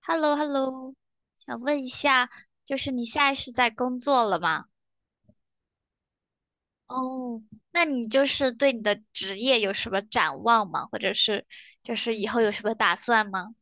h e l l o h e l l o 想问一下，就是你现在是在工作了吗？哦，那你就是对你的职业有什么展望吗？或者是就是以后有什么打算吗？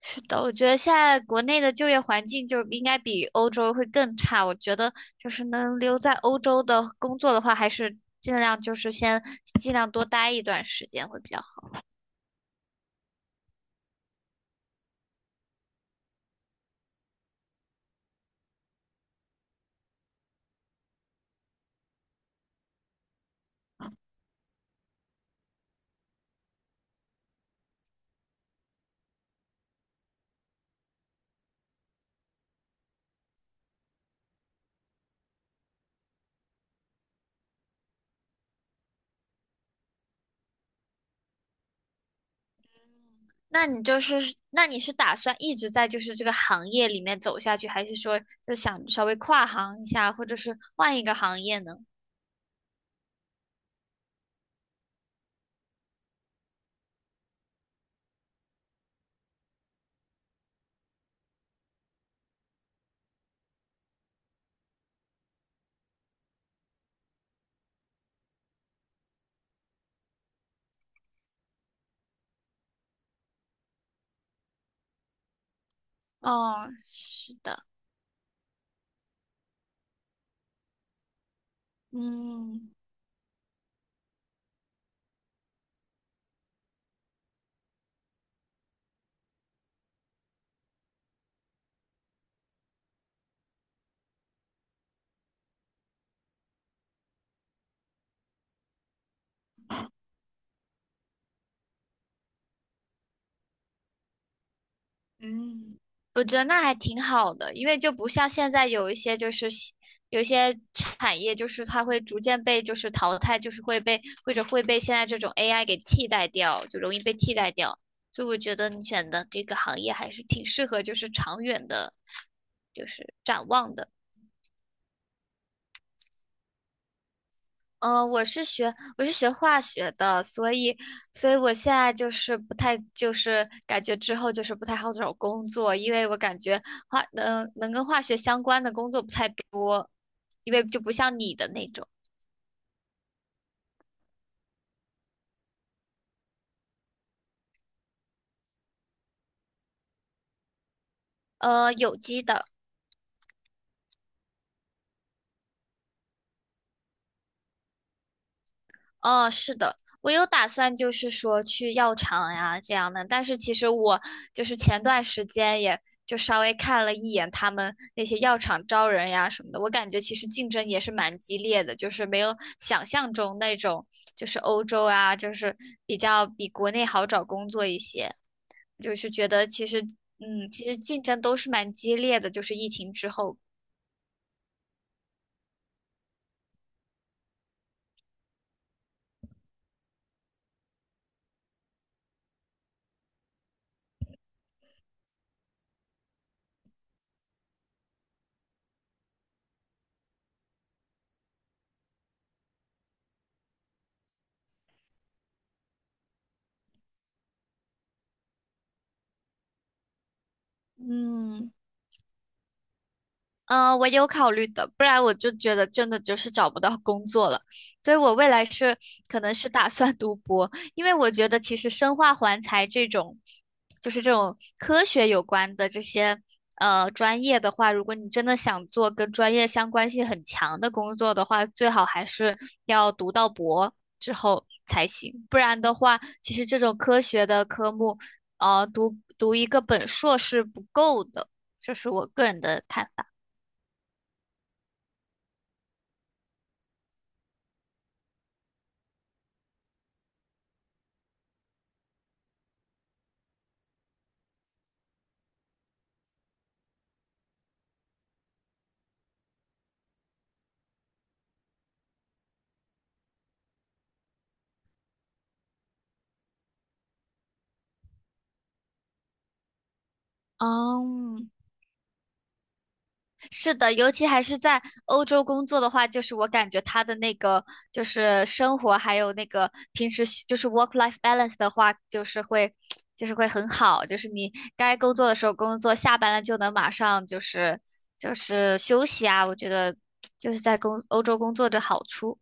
是的，我觉得现在国内的就业环境就应该比欧洲会更差。我觉得就是能留在欧洲的工作的话，还是尽量就是先尽量多待一段时间会比较好。那你就是，那你是打算一直在就是这个行业里面走下去，还是说就想稍微跨行一下，或者是换一个行业呢？哦，是的。嗯。嗯，我觉得那还挺好的，因为就不像现在有一些就是西有一些产业，就是它会逐渐被就是淘汰，就是会被或者会被现在这种 AI 给替代掉，就容易被替代掉。所以我觉得你选的这个行业还是挺适合，就是长远的，就是展望的。嗯，我是学我是学化学的，所以所以我现在就是不太就是感觉之后就是不太好找工作，因为我感觉化能能跟化学相关的工作不太多，因为就不像你的那种，有机的。哦，是的，我有打算，就是说去药厂呀这样的。但是其实我就是前段时间也就稍微看了一眼他们那些药厂招人呀什么的，我感觉其实竞争也是蛮激烈的，就是没有想象中那种，就是欧洲啊，就是比较比国内好找工作一些。就是觉得其实，嗯，其实竞争都是蛮激烈的，就是疫情之后。嗯。嗯，我有考虑的，不然我就觉得真的就是找不到工作了，所以我未来是可能是打算读博，因为我觉得其实生化环材这种，就是这种科学有关的这些专业的话，如果你真的想做跟专业相关性很强的工作的话，最好还是要读到博之后才行，不然的话，其实这种科学的科目，读读一个本硕是不够的，这是我个人的看法。嗯，是的，尤其还是在欧洲工作的话，就是我感觉他的那个就是生活，还有那个平时习就是 work life balance 的话，就是会 就是会很好，就是你该工作的时候工作，下班了就能马上就是就是休息啊，我觉得 就是在工欧洲工作的好处。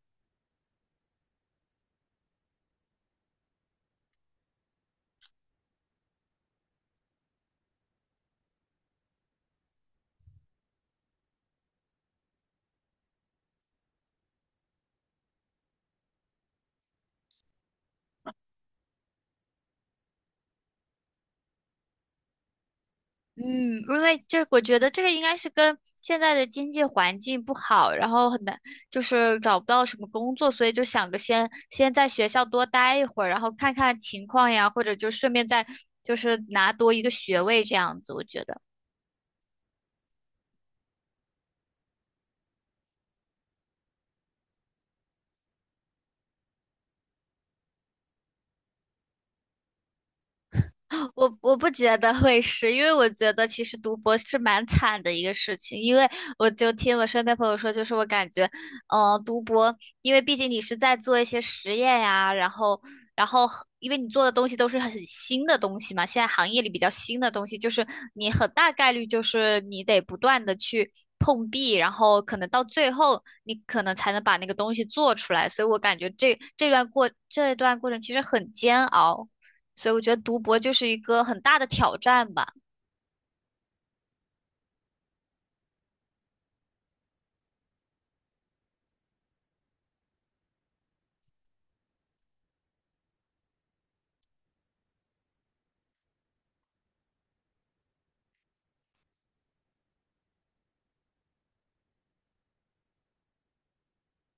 嗯，因为这我觉得这个应该是跟现在的经济环境不好，然后很难，就是找不到什么工作，所以就想着先先在学校多待一会儿，然后看看情况呀，或者就顺便再就是拿多一个学位这样子，我觉得。我我不觉得会是，因为我觉得其实读博是蛮惨的一个事情，因为我就听我身边朋友说，就是我感觉，读博，因为毕竟你是在做一些实验呀、然后然后因为你做的东西都是很新的东西嘛，现在行业里比较新的东西，就是你很大概率就是你得不断的去碰壁，然后可能到最后你可能才能把那个东西做出来，所以我感觉这这段过这段过程其实很煎熬。所以我觉得读博就是一个很大的挑战吧。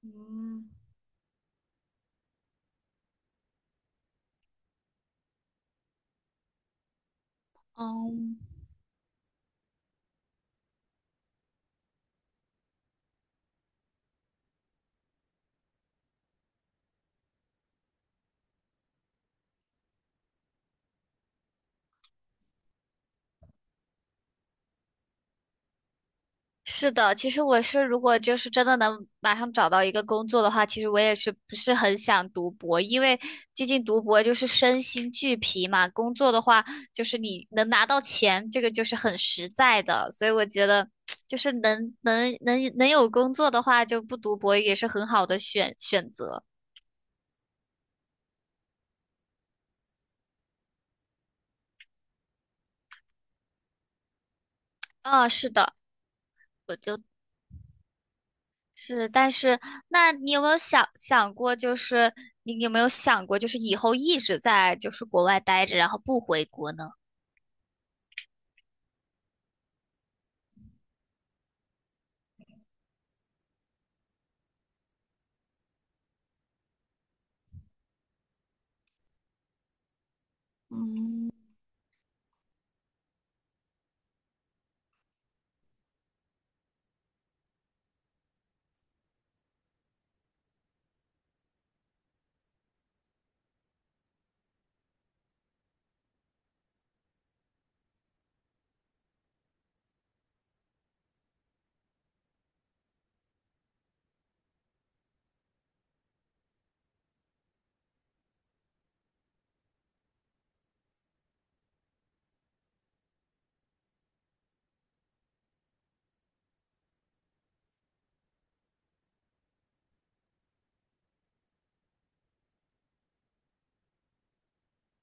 嗯。嗯，是的，其实我是如果就是真的能马上找到一个工作的话，其实我也是不是很想读博，因为毕竟读博就是身心俱疲嘛，工作的话就是你能拿到钱，这个就是很实在的，所以我觉得 就是能能能能有工作的话，就不读博也是很好的选选择。啊，是的，我就。是，但是那你有没有想想过，就是你有没有想过，就是以后一直在就是国外待着，然后不回国呢？嗯。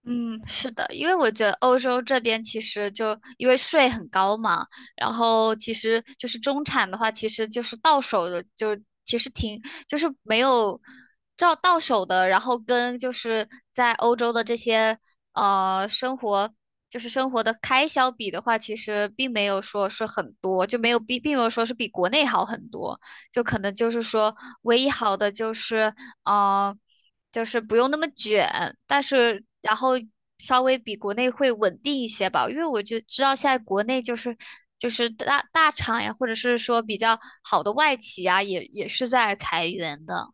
嗯，是的，因为我觉得欧洲这边其实就因为税很高嘛，然后其实就是中产的话，其实就是到手的就其实挺就是没有照到手的，然后跟就是在欧洲的这些生活就是生活的开销比的话，其实并没有说是很多，就没有比并没有说是比国内好很多，就可能就是说唯一好的就是嗯。就是不用那么卷，但是然后稍微比国内会稳定一些吧，因为我就知道现在国内就是就是大大厂呀，或者是说比较好的外企呀，也也是在裁员的。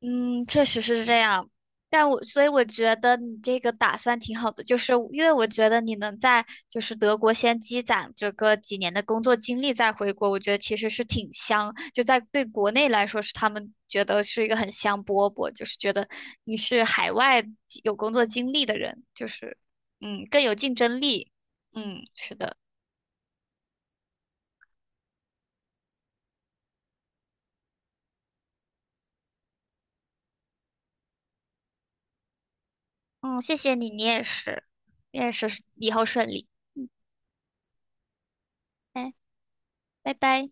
嗯，确实是这样，但我所以我觉得你这个打算挺好的，就是因为我觉得你能在就是德国先积攒这个几年的工作经历再回国，我觉得其实是挺香，就在对国内来说是他们觉得是一个很香饽饽，就是觉得你是海外有工作经历的人，就是嗯更有竞争力，嗯是的，嗯谢谢你，你也是，你也是以后顺利，哎，拜拜。